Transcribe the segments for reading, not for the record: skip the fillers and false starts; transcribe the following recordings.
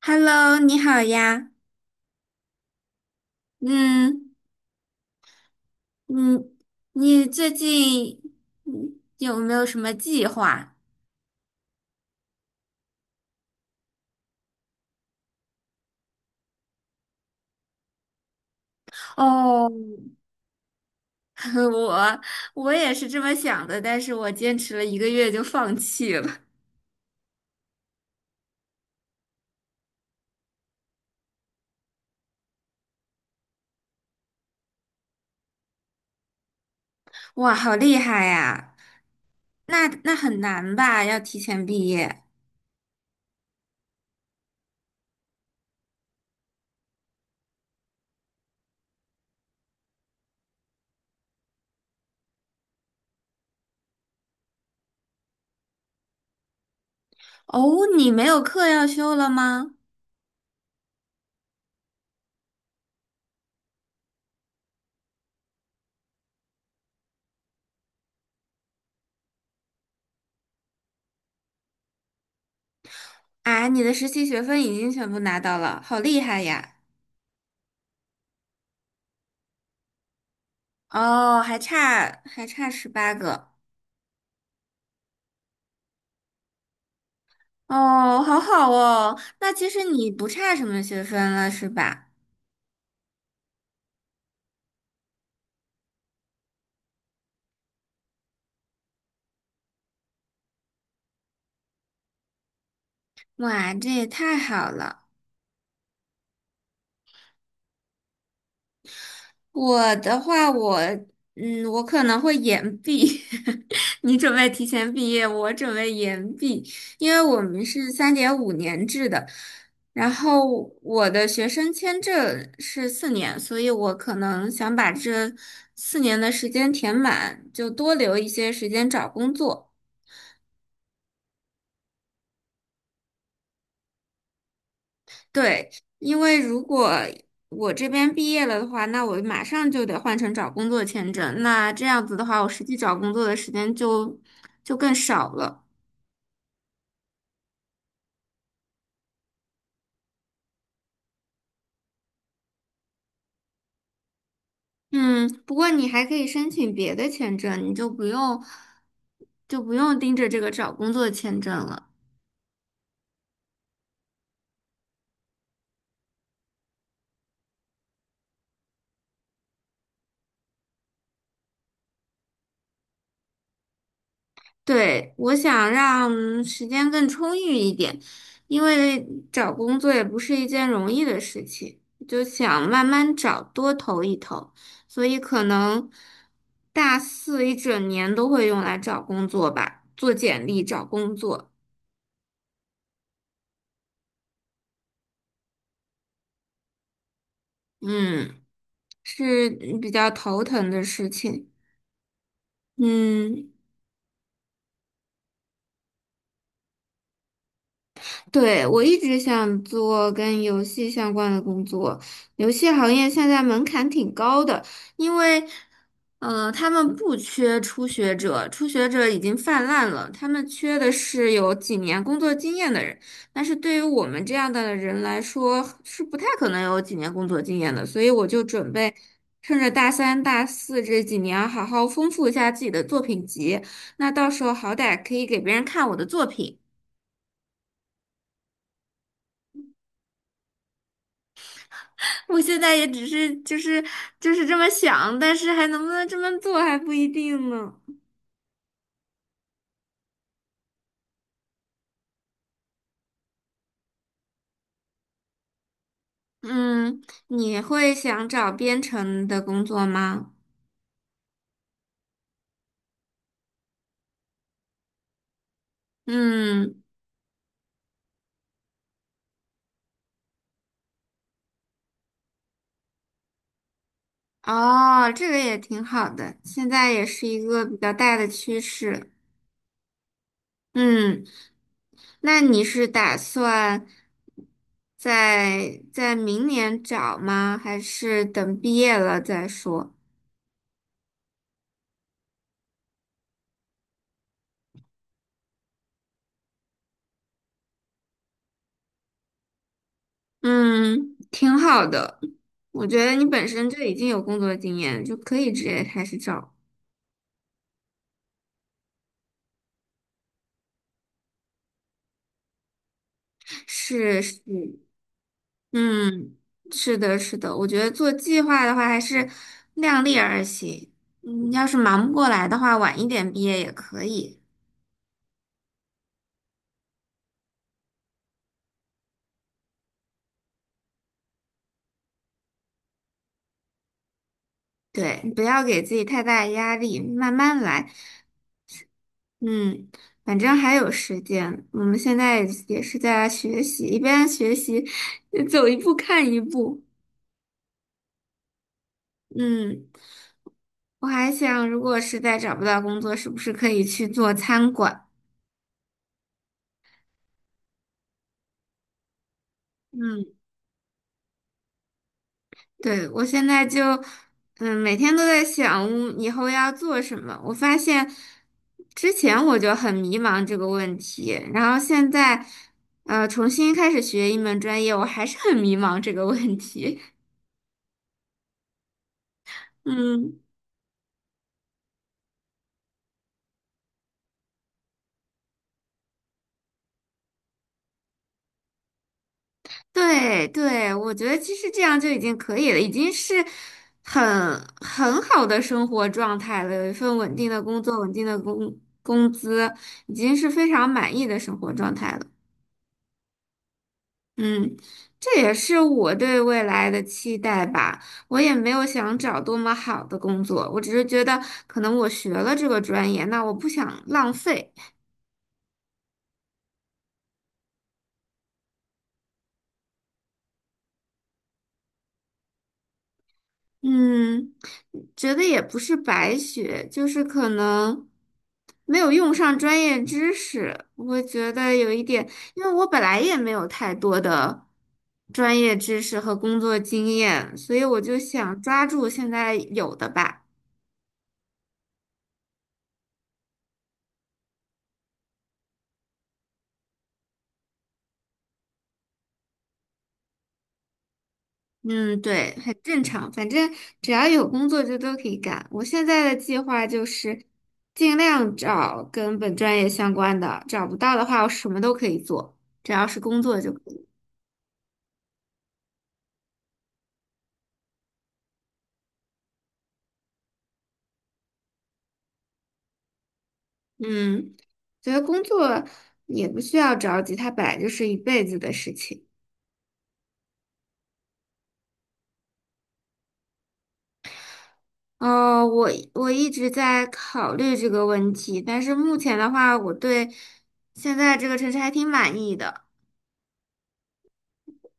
Hello，你好呀。嗯嗯，你最近有没有什么计划？哦，我我也是这么想的，但是我坚持了1个月就放弃了。哇，好厉害呀！那很难吧？要提前毕业。哦，你没有课要修了吗？啊，你的实习学分已经全部拿到了，好厉害呀！哦，还差18个。哦，好好哦，那其实你不差什么学分了，是吧？哇，这也太好了。我的话，我可能会延毕。你准备提前毕业，我准备延毕，因为我们是3.5年制的，然后我的学生签证是四年，所以我可能想把这四年的时间填满，就多留一些时间找工作。对，因为如果我这边毕业了的话，那我马上就得换成找工作签证。那这样子的话，我实际找工作的时间就更少了。嗯，不过你还可以申请别的签证，你就不用盯着这个找工作签证了。对，我想让时间更充裕一点，因为找工作也不是一件容易的事情，就想慢慢找，多投一投，所以可能大四一整年都会用来找工作吧，做简历、找工作，嗯，是比较头疼的事情，嗯。对，我一直想做跟游戏相关的工作，游戏行业现在门槛挺高的，因为，他们不缺初学者，初学者已经泛滥了，他们缺的是有几年工作经验的人，但是对于我们这样的人来说，是不太可能有几年工作经验的，所以我就准备趁着大三、大四这几年，好好丰富一下自己的作品集，那到时候好歹可以给别人看我的作品。我现在也只是就是这么想，但是还能不能这么做还不一定呢。嗯，你会想找编程的工作吗？嗯，哦，这个也挺好的，现在也是一个比较大的趋势。嗯，那你是打算在明年找吗？还是等毕业了再说？嗯，挺好的。我觉得你本身就已经有工作经验，就可以直接开始找。是是，嗯，是的，是的。我觉得做计划的话，还是量力而行。嗯，要是忙不过来的话，晚一点毕业也可以。对，不要给自己太大的压力，慢慢来。嗯，反正还有时间。我们现在也是在学习，一边学习，走一步看一步。嗯，我还想，如果实在找不到工作，是不是可以去做餐馆？嗯，对，我现在就，嗯，每天都在想以后要做什么。我发现之前我就很迷茫这个问题，然后现在，重新开始学一门专业，我还是很迷茫这个问题。嗯。对对，我觉得其实这样就已经可以了，已经是很很好的生活状态了。有一份稳定的工作，稳定的工资，已经是非常满意的生活状态了。嗯，这也是我对未来的期待吧。我也没有想找多么好的工作，我只是觉得可能我学了这个专业，那我不想浪费。嗯，觉得也不是白学，就是可能没有用上专业知识，我觉得有一点，因为我本来也没有太多的专业知识和工作经验，所以我就想抓住现在有的吧。嗯，对，很正常，反正只要有工作就都可以干。我现在的计划就是尽量找跟本专业相关的，找不到的话我什么都可以做，只要是工作就可以。嗯，觉得工作也不需要着急，它本来就是一辈子的事情。哦，我一直在考虑这个问题，但是目前的话，我对现在这个城市还挺满意的，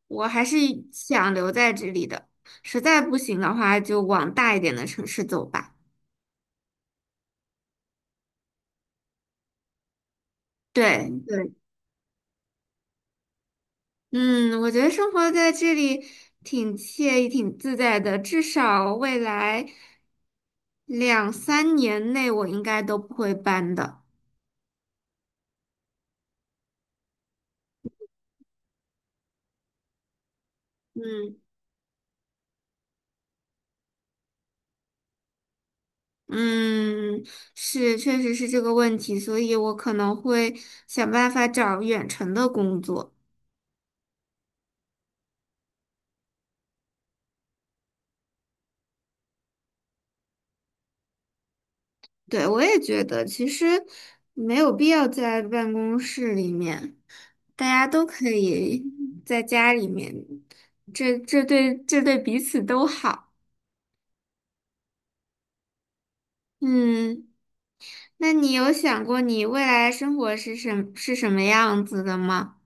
我还是想留在这里的。实在不行的话，就往大一点的城市走吧。对，对。嗯，我觉得生活在这里挺惬意、挺自在的，至少未来两三年内我应该都不会搬的。嗯嗯，是，确实是这个问题，所以我可能会想办法找远程的工作。对，我也觉得其实没有必要在办公室里面，大家都可以在家里面，这对彼此都好。嗯。那你有想过你未来生活是什么样子的吗？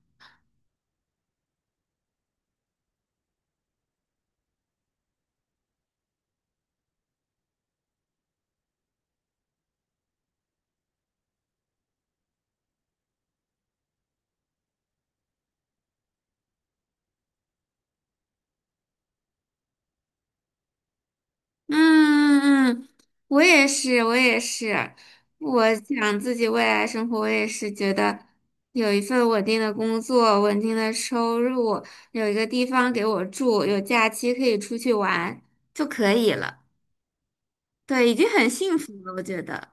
嗯嗯嗯，我也是，我也是，我想自己未来生活，我也是觉得有一份稳定的工作，稳定的收入，有一个地方给我住，有假期可以出去玩就可以了。对，已经很幸福了，我觉得。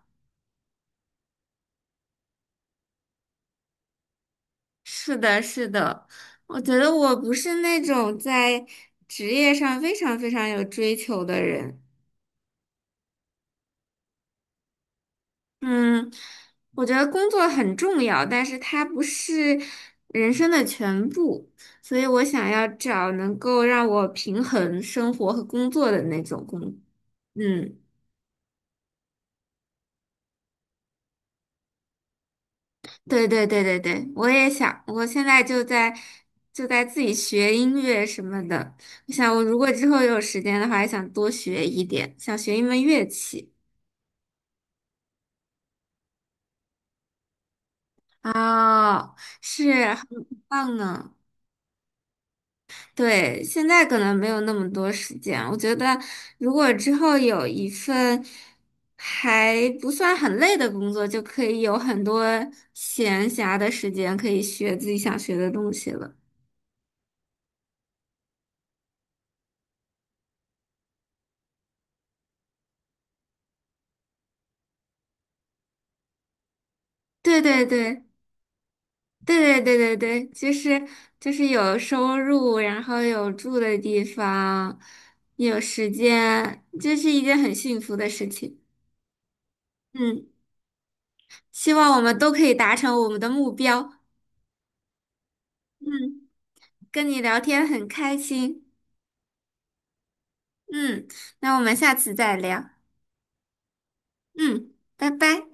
是的，是的，我觉得我不是那种在职业上非常非常有追求的人。嗯，我觉得工作很重要，但是它不是人生的全部，所以我想要找能够让我平衡生活和工作的那种工。嗯，对对对对对，我也想，我现在就在自己学音乐什么的。我想，我如果之后有时间的话，也想多学一点，想学一门乐器。哦，是，很棒呢。对，现在可能没有那么多时间。我觉得，如果之后有一份还不算很累的工作，就可以有很多闲暇的时间，可以学自己想学的东西了。对对对对对对对对，就是就是有收入，然后有住的地方，有时间，这是一件很幸福的事情。嗯，希望我们都可以达成我们的目标。嗯，跟你聊天很开心。嗯，那我们下次再聊。嗯，拜拜。